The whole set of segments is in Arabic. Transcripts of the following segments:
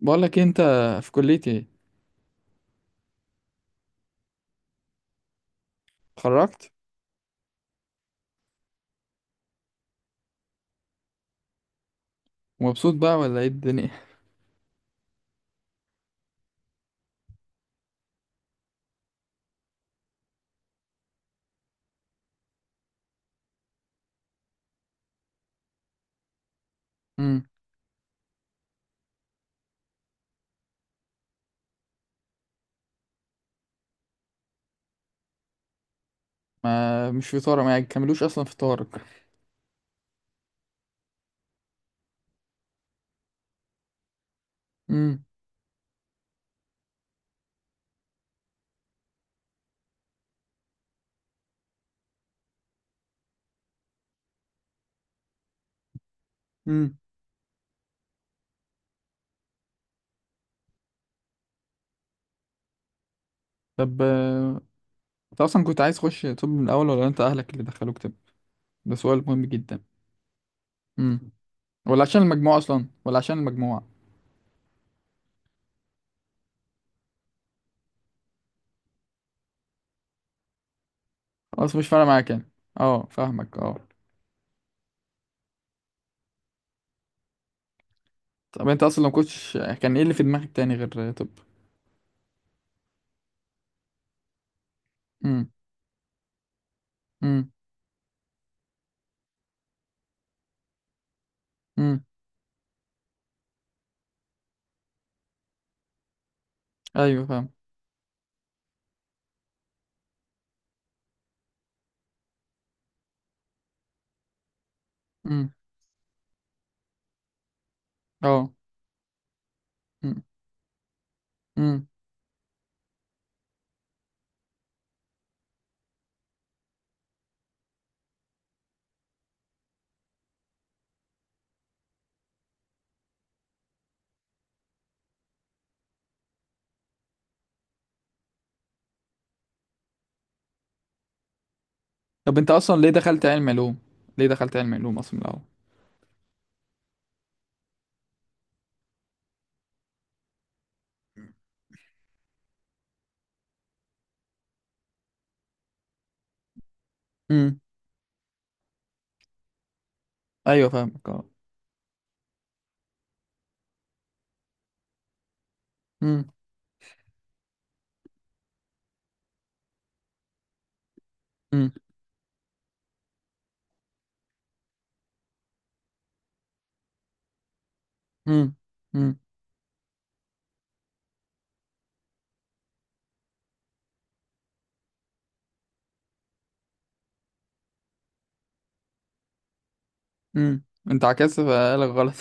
بقول لك انت في كليتي اتخرجت. ومبسوط بقى ولا ايه الدنيا؟ امم ما مش في طارق، ما يكملوش اصلا في طارق. امم امم طب انت اصلا كنت عايز تخش طب من الاول، ولا انت اهلك اللي دخلوك طب؟ ده سؤال مهم جدا. امم ولا عشان المجموع اصلا ولا عشان المجموعه؟ خلاص مش فارقه معاك يعني. اه فاهمك اه. طب انت اصلا لو كنتش، كان ايه اللي في دماغك تاني غير طب؟ امم امم امم ايوه فاهم. امم اه. امم طب انت اصلا ليه دخلت علم علوم؟ ليه دخلت علم علوم اصلا من الاول؟ امم ايوه فاهمك اه. امم امم امم امم امم انت عكست فقالك غلط.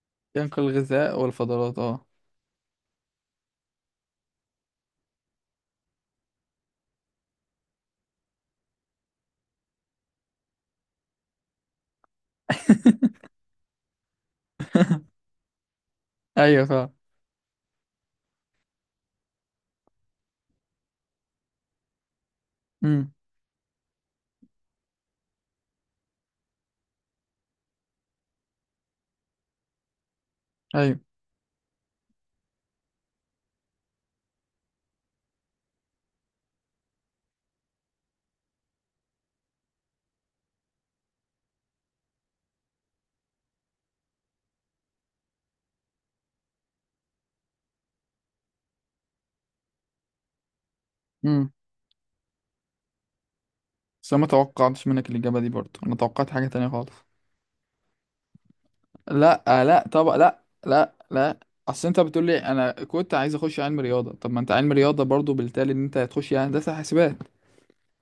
ينقل الغذاء والفضلات اه. ايوه فاهم. امم ايوه. امم بس انا ما توقعتش منك الاجابه دي، برضه انا توقعت حاجه تانية خالص. لا، لا طبعا، لا. اصل انت بتقول لي انا كنت عايز اخش علم رياضه، طب ما انت علم رياضه برضه، بالتالي ان انت هتخش يعني هندسه حاسبات.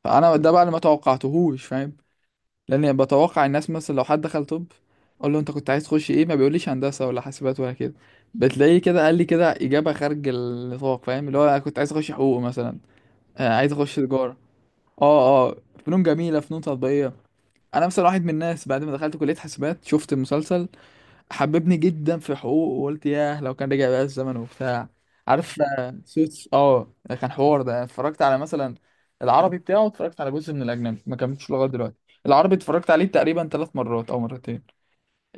فانا ده بقى اللي ما توقعتهوش، فاهم؟ لاني بتوقع الناس، مثلا لو حد دخل طب اقول له انت كنت عايز تخش ايه، ما بيقوليش هندسه ولا حاسبات ولا كده. بتلاقيه كده قال لي كده اجابه خارج النطاق، فاهم؟ اللي هو انا كنت عايز اخش حقوق مثلا. آه، عايز اخش تجاره. اه اه. فنون جميله، فنون تطبيقيه. انا مثلا واحد من الناس بعد ما دخلت كليه حاسبات، شفت مسلسل حببني جدا في حقوق، وقلت ياه لو كان رجع بقى الزمن وبتاع. عارف، سوتس اه. كان حوار ده. اتفرجت على مثلا العربي بتاعه، اتفرجت على جزء من الاجنبي، ما كملتش لغايه دلوقتي. العربي اتفرجت عليه تقريبا 3 مرات او مرتين.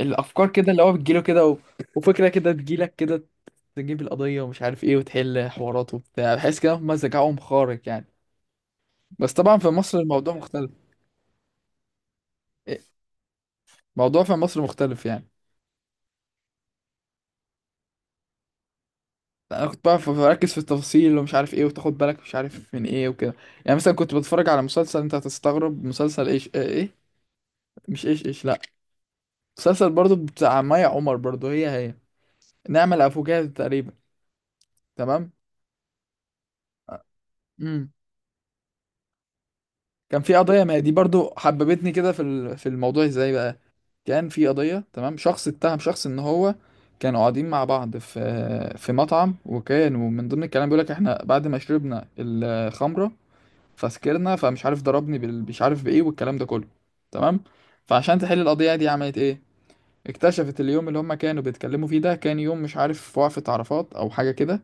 الافكار كده اللي هو بتجيله كده وفكره كده تجيلك كده، تجيب القضيه ومش عارف ايه، وتحل حوارات وبتاع. بحس كده هم ذكائهم خارق يعني. بس طبعا في مصر الموضوع مختلف. إيه، موضوع في مصر مختلف يعني. لا، انا كنت بعرف بركز في التفاصيل ومش عارف ايه، وتاخد بالك مش عارف من ايه وكده. يعني مثلا كنت بتفرج على مسلسل، انت هتستغرب، مسلسل ايش ايه, إيه؟ مش ايش ايش، لا. مسلسل برضو بتاع مي عمر، برضو هي هي، نعمل افوكاتو تقريبا. تمام. امم كان في قضيه، ما هي دي برضو حببتني كده في في الموضوع. ازاي بقى؟ كان في قضيه، تمام، شخص اتهم شخص ان هو، كانوا قاعدين مع بعض في في مطعم، وكانوا من ضمن الكلام بيقول لك احنا بعد ما شربنا الخمره فسكرنا، فمش عارف ضربني مش عارف بايه والكلام ده كله. تمام. فعشان تحل القضيه دي عملت ايه؟ اكتشفت اليوم اللي هم كانوا بيتكلموا فيه ده كان يوم مش عارف وقفة عرفات او حاجه كده.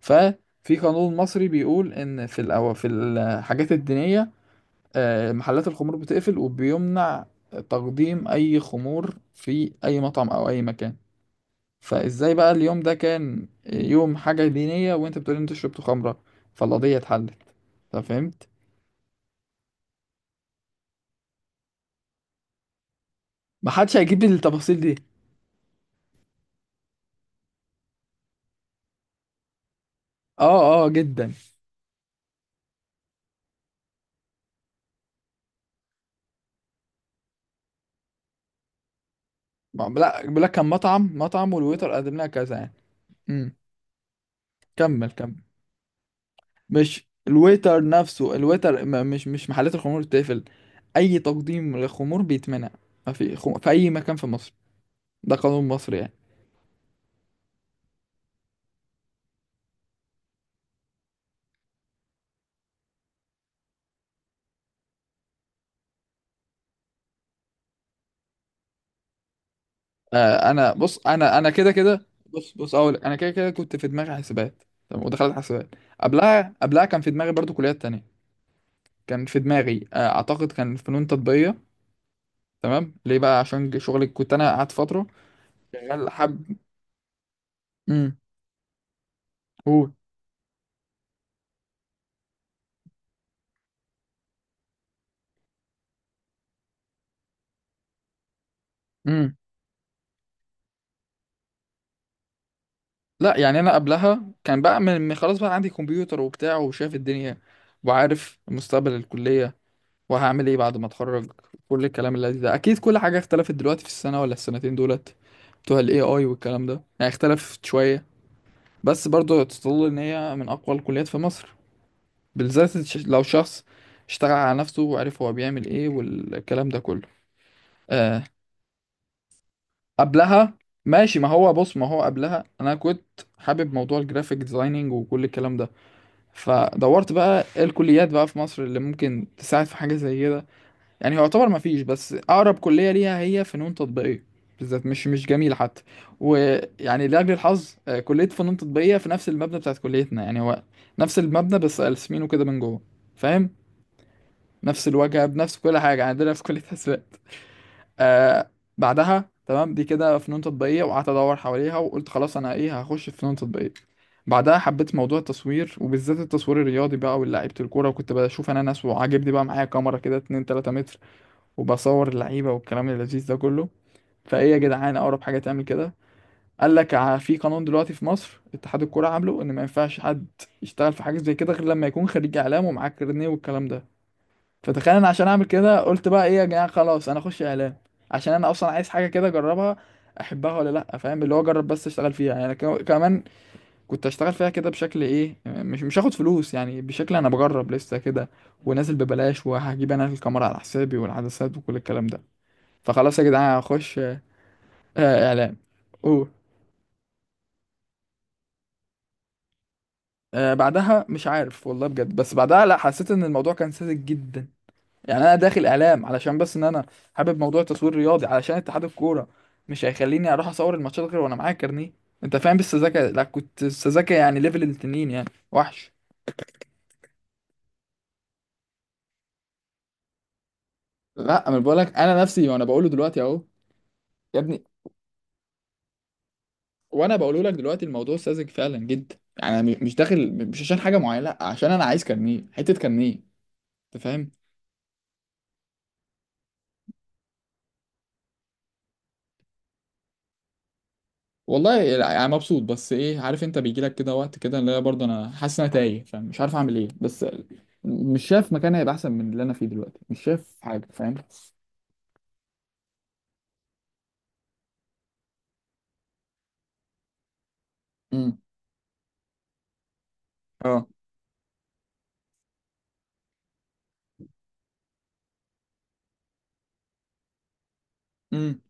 ففي قانون مصري بيقول ان في في الحاجات الدينيه، محلات الخمور بتقفل، وبيمنع تقديم اي خمور في اي مطعم او اي مكان. فازاي بقى اليوم ده كان يوم حاجه دينيه وانت بتقول انت شربت خمره؟ فالقضيه اتحلت. طب فهمت؟ محدش هيجيب لي التفاصيل دي. اه اه جدا. لا، بيقول لك كان مطعم مطعم، والويتر قدم لنا كذا يعني. امم كمل كمل. مش الويتر نفسه الويتر، مش مش محلات الخمور بتقفل، اي تقديم للخمور بيتمنع ما في في اي مكان في مصر، ده قانون مصري يعني. آه، انا بص، انا انا كده كده، بص، اقول لك، انا كده كده كنت في دماغي حسابات. تمام، ودخلت حسابات. قبلها قبلها كان في دماغي برضو كليات تانية. كان في دماغي آه اعتقد كان فنون تطبيقية. تمام، ليه بقى؟ عشان شغلي، كنت انا قعدت فترة شغال حب. امم قول. امم لا، يعني انا قبلها كان بقى خلاص بقى عندي كمبيوتر وبتاع، وشايف الدنيا، وعارف مستقبل الكلية، وهعمل ايه بعد ما اتخرج. كل الكلام اللي ده، اكيد كل حاجة اختلفت دلوقتي في السنة ولا السنتين دولت بتوع الاي اي والكلام ده، يعني اختلفت شوية. بس برضه تظل ان هي من اقوى الكليات في مصر، بالذات لو شخص اشتغل على نفسه وعرف هو بيعمل ايه والكلام ده كله. آه، قبلها، ماشي، ما هو بص، ما هو قبلها انا كنت حابب موضوع الجرافيك ديزايننج وكل الكلام ده. فدورت بقى إيه الكليات بقى في مصر اللي ممكن تساعد في حاجة زي كده. يعني هو يعتبر ما فيش، بس اقرب كلية ليها هي فنون تطبيقية، بالذات مش مش جميل حتى. ويعني لأجل الحظ، كلية فنون تطبيقية في نفس المبنى بتاعت كليتنا، يعني هو نفس المبنى بس قلسمينه كده من جوه. فاهم؟ نفس الواجهة بنفس كل حاجة عندنا في كلية حسابات. آه، بعدها، تمام، دي كده فنون تطبيقية، وقعدت أدور حواليها وقلت خلاص أنا إيه، هخش في فنون تطبيقية. بعدها حبيت موضوع التصوير، وبالذات التصوير الرياضي بقى، واللعيبة الكورة، وكنت بشوف أنا ناس، وعاجبني بقى معايا كاميرا كده 2 3 متر وبصور اللعيبة والكلام اللذيذ ده كله. فإيه يا جدعان أقرب حاجة تعمل كده؟ قال لك في قانون دلوقتي في مصر، اتحاد الكورة عامله إن ما ينفعش حد يشتغل في حاجة زي كده غير لما يكون خريج إعلام ومعاه كارنيه والكلام ده. فتخيل انا عشان اعمل كده قلت بقى ايه يا جماعه، خلاص انا اخش اعلام، عشان انا اصلا عايز حاجه كده اجربها، احبها ولا لا. فاهم؟ اللي هو اجرب، بس اشتغل فيها، يعني أنا كمان كنت اشتغل فيها كده بشكل ايه، مش مش هاخد فلوس، يعني بشكل انا بجرب لسه كده، ونازل ببلاش، وهجيب انا الكاميرا على حسابي والعدسات وكل الكلام ده. فخلاص يا جدعان هخش اعلام. اوه. آه، بعدها مش عارف والله بجد، بس بعدها لا، حسيت ان الموضوع كان ساذج جدا. يعني انا داخل اعلام علشان بس ان انا حابب موضوع تصوير رياضي، علشان اتحاد الكوره مش هيخليني اروح اصور الماتشات غير وانا معايا كارنيه. انت فاهم بالسذاكه؟ لا، كنت السذاكه يعني ليفل التنين يعني، وحش. لا، انا بقول لك انا نفسي وانا بقوله دلوقتي اهو. يا ابني، وانا بقوله لك دلوقتي الموضوع ساذج فعلا جدا، يعني انا مش داخل مش عشان حاجه معينه، لا عشان انا عايز كارنيه، حته كارنيه. انت فاهم؟ والله يعني مبسوط، بس ايه، عارف انت بيجي لك كده وقت كده اللي هي برضه انا حاسس ان انا تايه، فمش عارف اعمل ايه، بس مش شايف مكان هيبقى احسن من اللي انا فيه دلوقتي. مش شايف حاجه، فاهم؟ امم اه. امم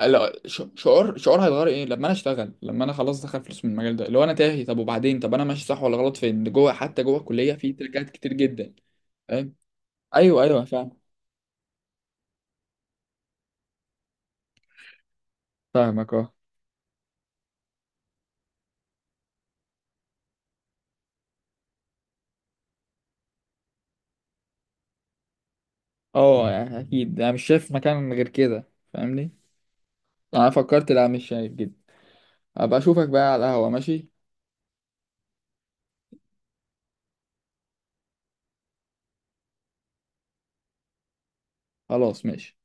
لا، شعور شعور هيتغير ايه لما انا اشتغل، لما انا خلاص دخل فلوس من المجال ده اللي هو انا تاهي طب؟ وبعدين طب انا ماشي صح ولا غلط؟ فين جوه، حتى جوه الكليه في تركات كتير جدا. فاهم؟ ايوه ايوه فاهم. فاهمك اه. اه، يعني اكيد انا مش شايف مكان غير كده، فاهمني؟ يعني انا فكرت، لا مش شايف جدا. ابقى اشوفك بقى على القهوة، ماشي؟ خلاص ماشي.